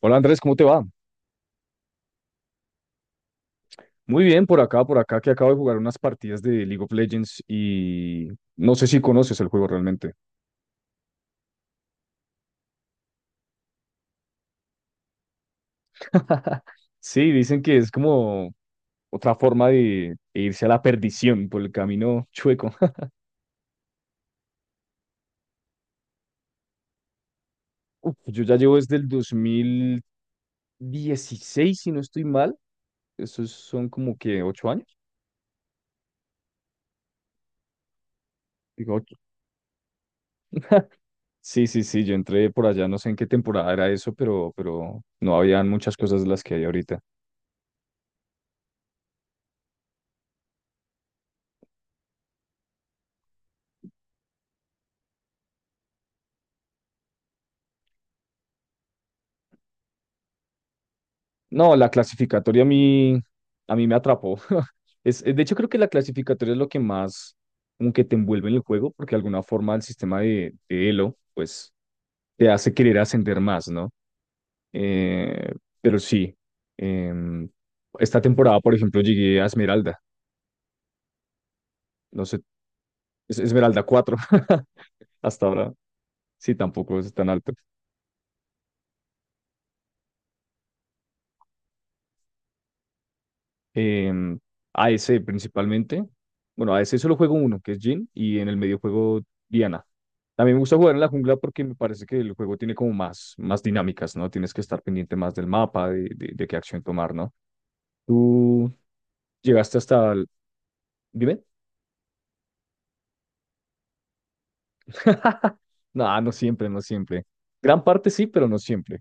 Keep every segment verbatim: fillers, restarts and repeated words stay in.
Hola Andrés, ¿cómo te va? Muy bien, por acá, por acá, que acabo de jugar unas partidas de League of Legends y no sé si conoces el juego realmente. Sí, dicen que es como otra forma de irse a la perdición por el camino chueco. Uf, yo ya llevo desde el dos mil dieciséis, si no estoy mal. Esos son como que ocho años. Digo, ocho. Sí, sí, sí, yo entré por allá, no sé en qué temporada era eso, pero, pero no habían muchas cosas de las que hay ahorita. No, la clasificatoria a mí, a mí me atrapó. Es, de hecho, creo que la clasificatoria es lo que más como que te envuelve en el juego, porque de alguna forma el sistema de, de Elo, pues, te hace querer ascender más, ¿no? Eh, pero sí, em, esta temporada, por ejemplo, llegué a Esmeralda, no sé, es Esmeralda cuatro. Hasta ahora, sí, tampoco es tan alto. em, A E C principalmente. Bueno, a AEC solo juego uno, que es Jhin, y en el medio juego Diana. También me gusta jugar en la jungla porque me parece que el juego tiene como más, más dinámicas, ¿no? Tienes que estar pendiente más del mapa, de, de, de qué acción tomar, ¿no? Tú llegaste hasta el... Dime. No, no siempre, no siempre. Gran parte sí, pero no siempre.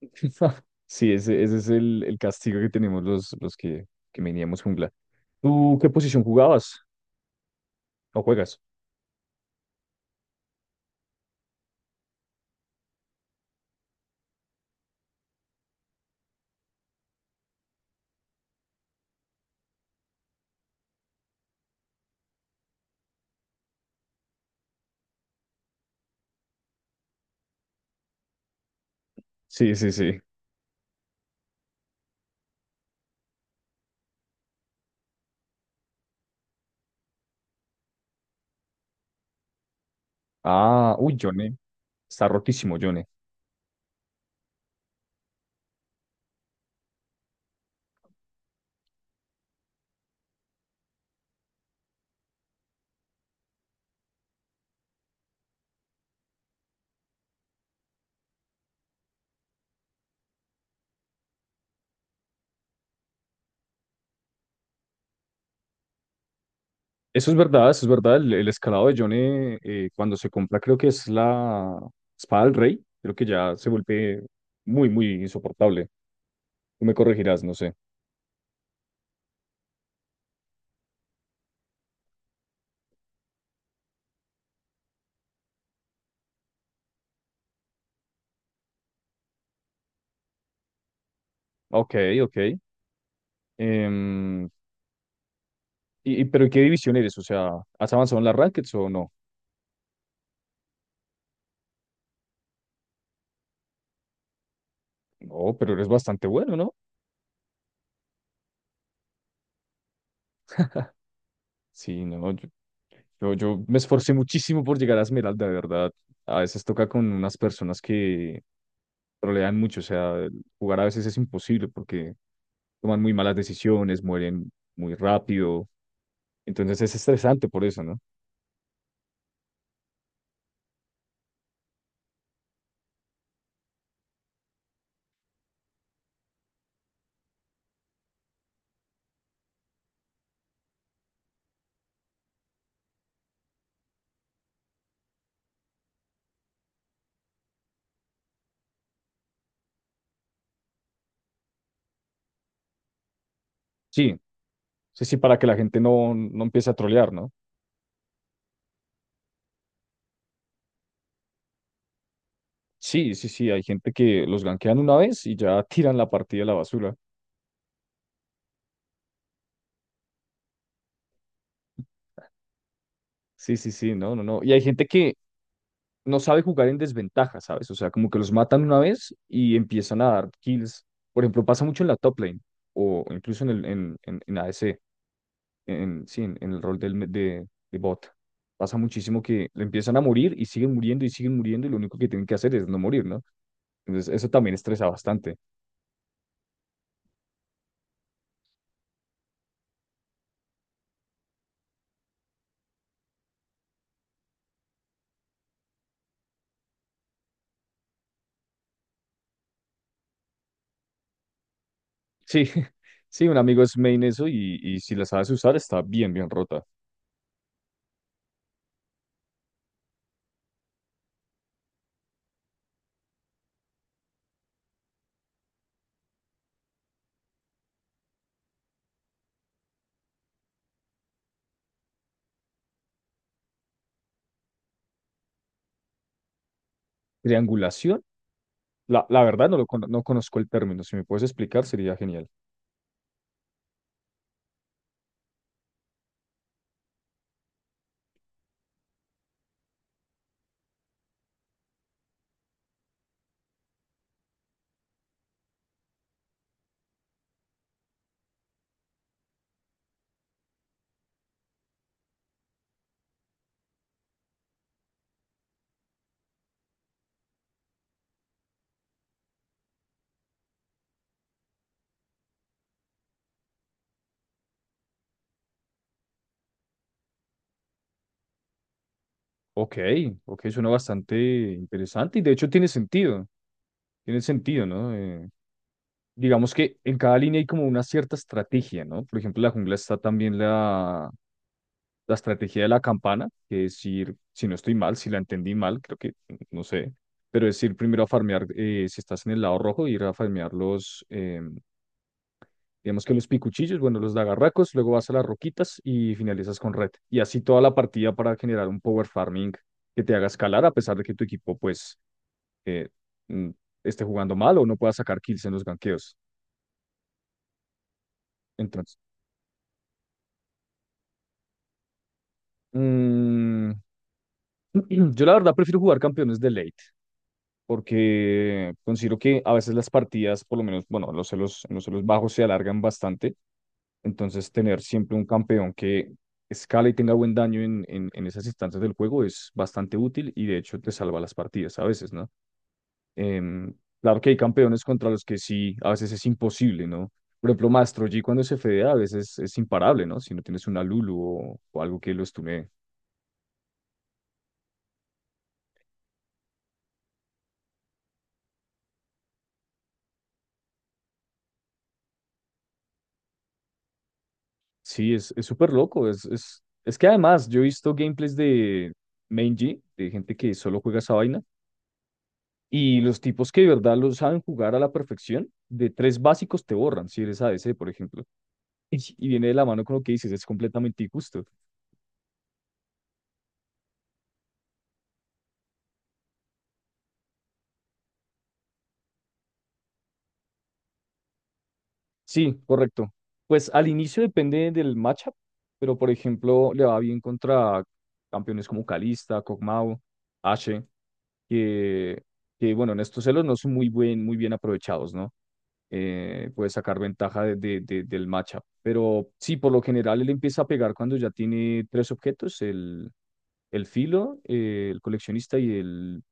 Sí, ese, ese es el, el castigo que tenemos los, los que, que veníamos jungla. ¿Tú qué posición jugabas? ¿O juegas? Sí, sí, sí. Ah, uy, Johnny. Está rotísimo, Johnny. Eso es verdad, eso es verdad. El, el escalado de Johnny, eh, cuando se compra, creo que es la espada del rey. Creo que ya se vuelve muy, muy insoportable. Tú me corregirás, no sé. Ok, ok. Em, y, y- pero ¿en qué división eres? O sea, ¿has avanzado en las rackets o no? No, pero eres bastante bueno, ¿no? Sí, no, no, yo, yo, yo me esforcé muchísimo por llegar a Esmeralda, de verdad. A veces toca con unas personas que trolean mucho, o sea, jugar a veces es imposible porque toman muy malas decisiones, mueren muy rápido, entonces es estresante por eso, ¿no? Sí, sí, sí, para que la gente no, no empiece a trolear, ¿no? Sí, sí, sí, hay gente que los gankean una vez y ya tiran la partida a la basura. Sí, sí, sí, no, no, no. Y hay gente que no sabe jugar en desventaja, ¿sabes? O sea, como que los matan una vez y empiezan a dar kills. Por ejemplo, pasa mucho en la top lane o incluso en el en, en, en A D C. En, sí, en, en el rol del, de, de bot. Pasa muchísimo que le empiezan a morir y siguen muriendo y siguen muriendo y lo único que tienen que hacer es no morir, ¿no? Entonces, eso también estresa bastante. Sí, sí, un amigo es main eso y, y si la sabes usar está bien, bien rota. Triangulación, la, la verdad no, lo, cono- no conozco el término, si me puedes explicar sería genial. Ok, ok, suena bastante interesante y de hecho tiene sentido, tiene sentido, ¿no? Eh, digamos que en cada línea hay como una cierta estrategia, ¿no? Por ejemplo, la jungla está también la, la estrategia de la campana, que es ir, si no estoy mal, si la entendí mal, creo que no sé, pero es ir primero a farmear, eh, si estás en el lado rojo, ir a farmear los, eh, digamos que los picuchillos, bueno, los dagarracos, luego vas a las roquitas y finalizas con red. Y así toda la partida para generar un power farming que te haga escalar a pesar de que tu equipo pues eh, mm, esté jugando mal o no pueda sacar kills en los ganqueos. Entonces, mm, yo la verdad prefiero jugar campeones de late. Porque considero que a veces las partidas, por lo menos, bueno, los celos, los celos bajos se alargan bastante, entonces tener siempre un campeón que escala y tenga buen daño en, en, en esas instancias del juego es bastante útil y de hecho te salva las partidas a veces, ¿no? Em, claro que hay campeones contra los que sí, a veces es imposible, ¿no? Por ejemplo, Maestro G cuando se fedea a veces es imparable, ¿no? Si no tienes una Lulu o, o algo que lo estune. Sí, es, es súper loco. Es, es, es que además yo he visto gameplays de Main G, de gente que solo juega esa vaina, y los tipos que de verdad lo saben jugar a la perfección, de tres básicos te borran, si eres a ADC, por ejemplo. Y, y viene de la mano con lo que dices, es completamente injusto. Sí, correcto. Pues al inicio depende del matchup, pero por ejemplo, le va bien contra campeones como Kalista, Kog'Maw, Ashe, que, que bueno, en estos celos no son muy buen, muy bien aprovechados, ¿no? eh, puede sacar ventaja de, de- de- del matchup. Pero sí, por lo general él empieza a pegar cuando ya tiene tres objetos, el, el filo, eh, el coleccionista y el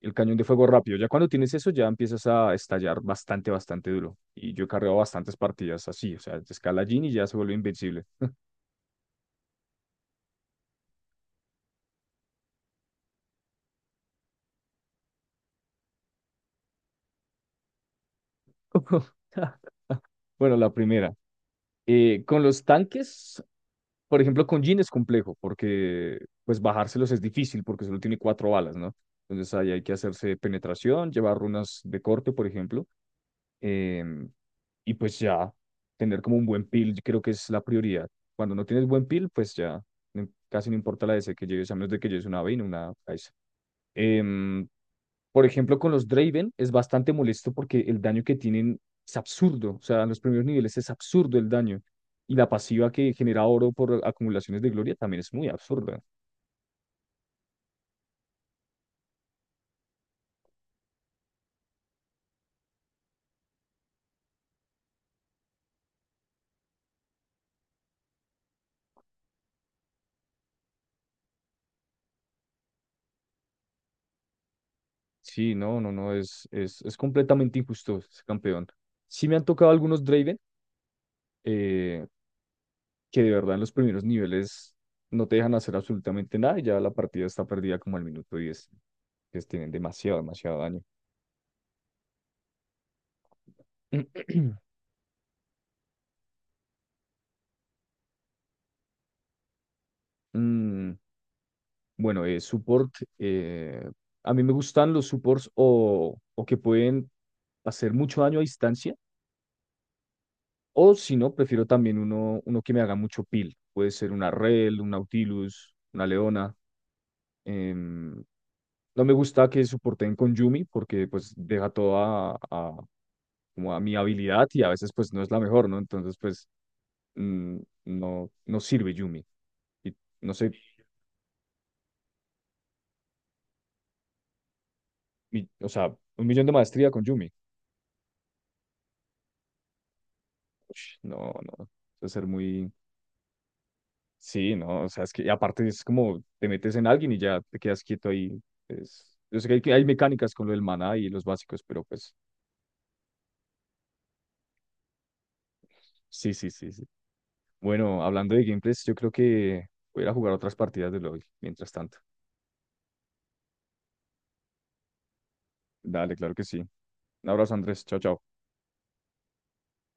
el cañón de fuego rápido. Ya cuando tienes eso, ya empiezas a estallar bastante, bastante duro. Y yo he cargado bastantes partidas así, o sea, te escala Jhin y ya se vuelve invencible. Bueno, la primera. Eh, con los tanques, por ejemplo, con Jhin es complejo, porque pues bajárselos es difícil, porque solo tiene cuatro balas, ¿no? Entonces ahí hay que hacerse penetración, llevar runas de corte, por ejemplo. em, y pues ya, tener como un buen peel, yo creo que es la prioridad. Cuando no tienes buen peel, pues ya no- casi no importa la D C que lleves, a menos de que lleves una Vayne o una Kai'Sa. Em, por ejemplo, con los Draven es bastante molesto porque el daño que tienen es absurdo. O sea, en los primeros niveles es absurdo el daño. Y la pasiva que genera oro por acumulaciones de gloria también es muy absurda. Sí, no, no, no, es, es, es completamente injusto ese campeón. Sí me han tocado algunos Draven, eh, que de verdad en los primeros niveles no te dejan hacer absolutamente nada y ya la partida está perdida como al minuto diez, que tienen demasiado, demasiado daño. Mm, bueno, eh, support. eh, a mí me gustan los supports o, o que pueden hacer mucho daño a distancia. O si no, prefiero también uno, uno que me haga mucho peel. Puede ser una Rell, un Nautilus, una Leona. Em, no me gusta que soporten con Yumi porque pues deja todo a, a- como a mi habilidad y a veces pues no es la mejor, ¿no? Entonces pues mm, no, no sirve Yumi. Y no sé, mi- o sea, un millón de maestría con Yumi. Ush, no, no, debe ser muy... Sí, no, o sea, es que y aparte es como te metes en alguien y ya te quedas quieto ahí. Es... Yo sé que hay, que hay mecánicas con lo del maná y los básicos, pero pues sí, sí, sí, sí. Bueno, hablando de gameplays, yo creo que voy a ir a jugar otras partidas de L O L mientras tanto. Dale, claro que sí. Un abrazo, Andrés. Chao, chao.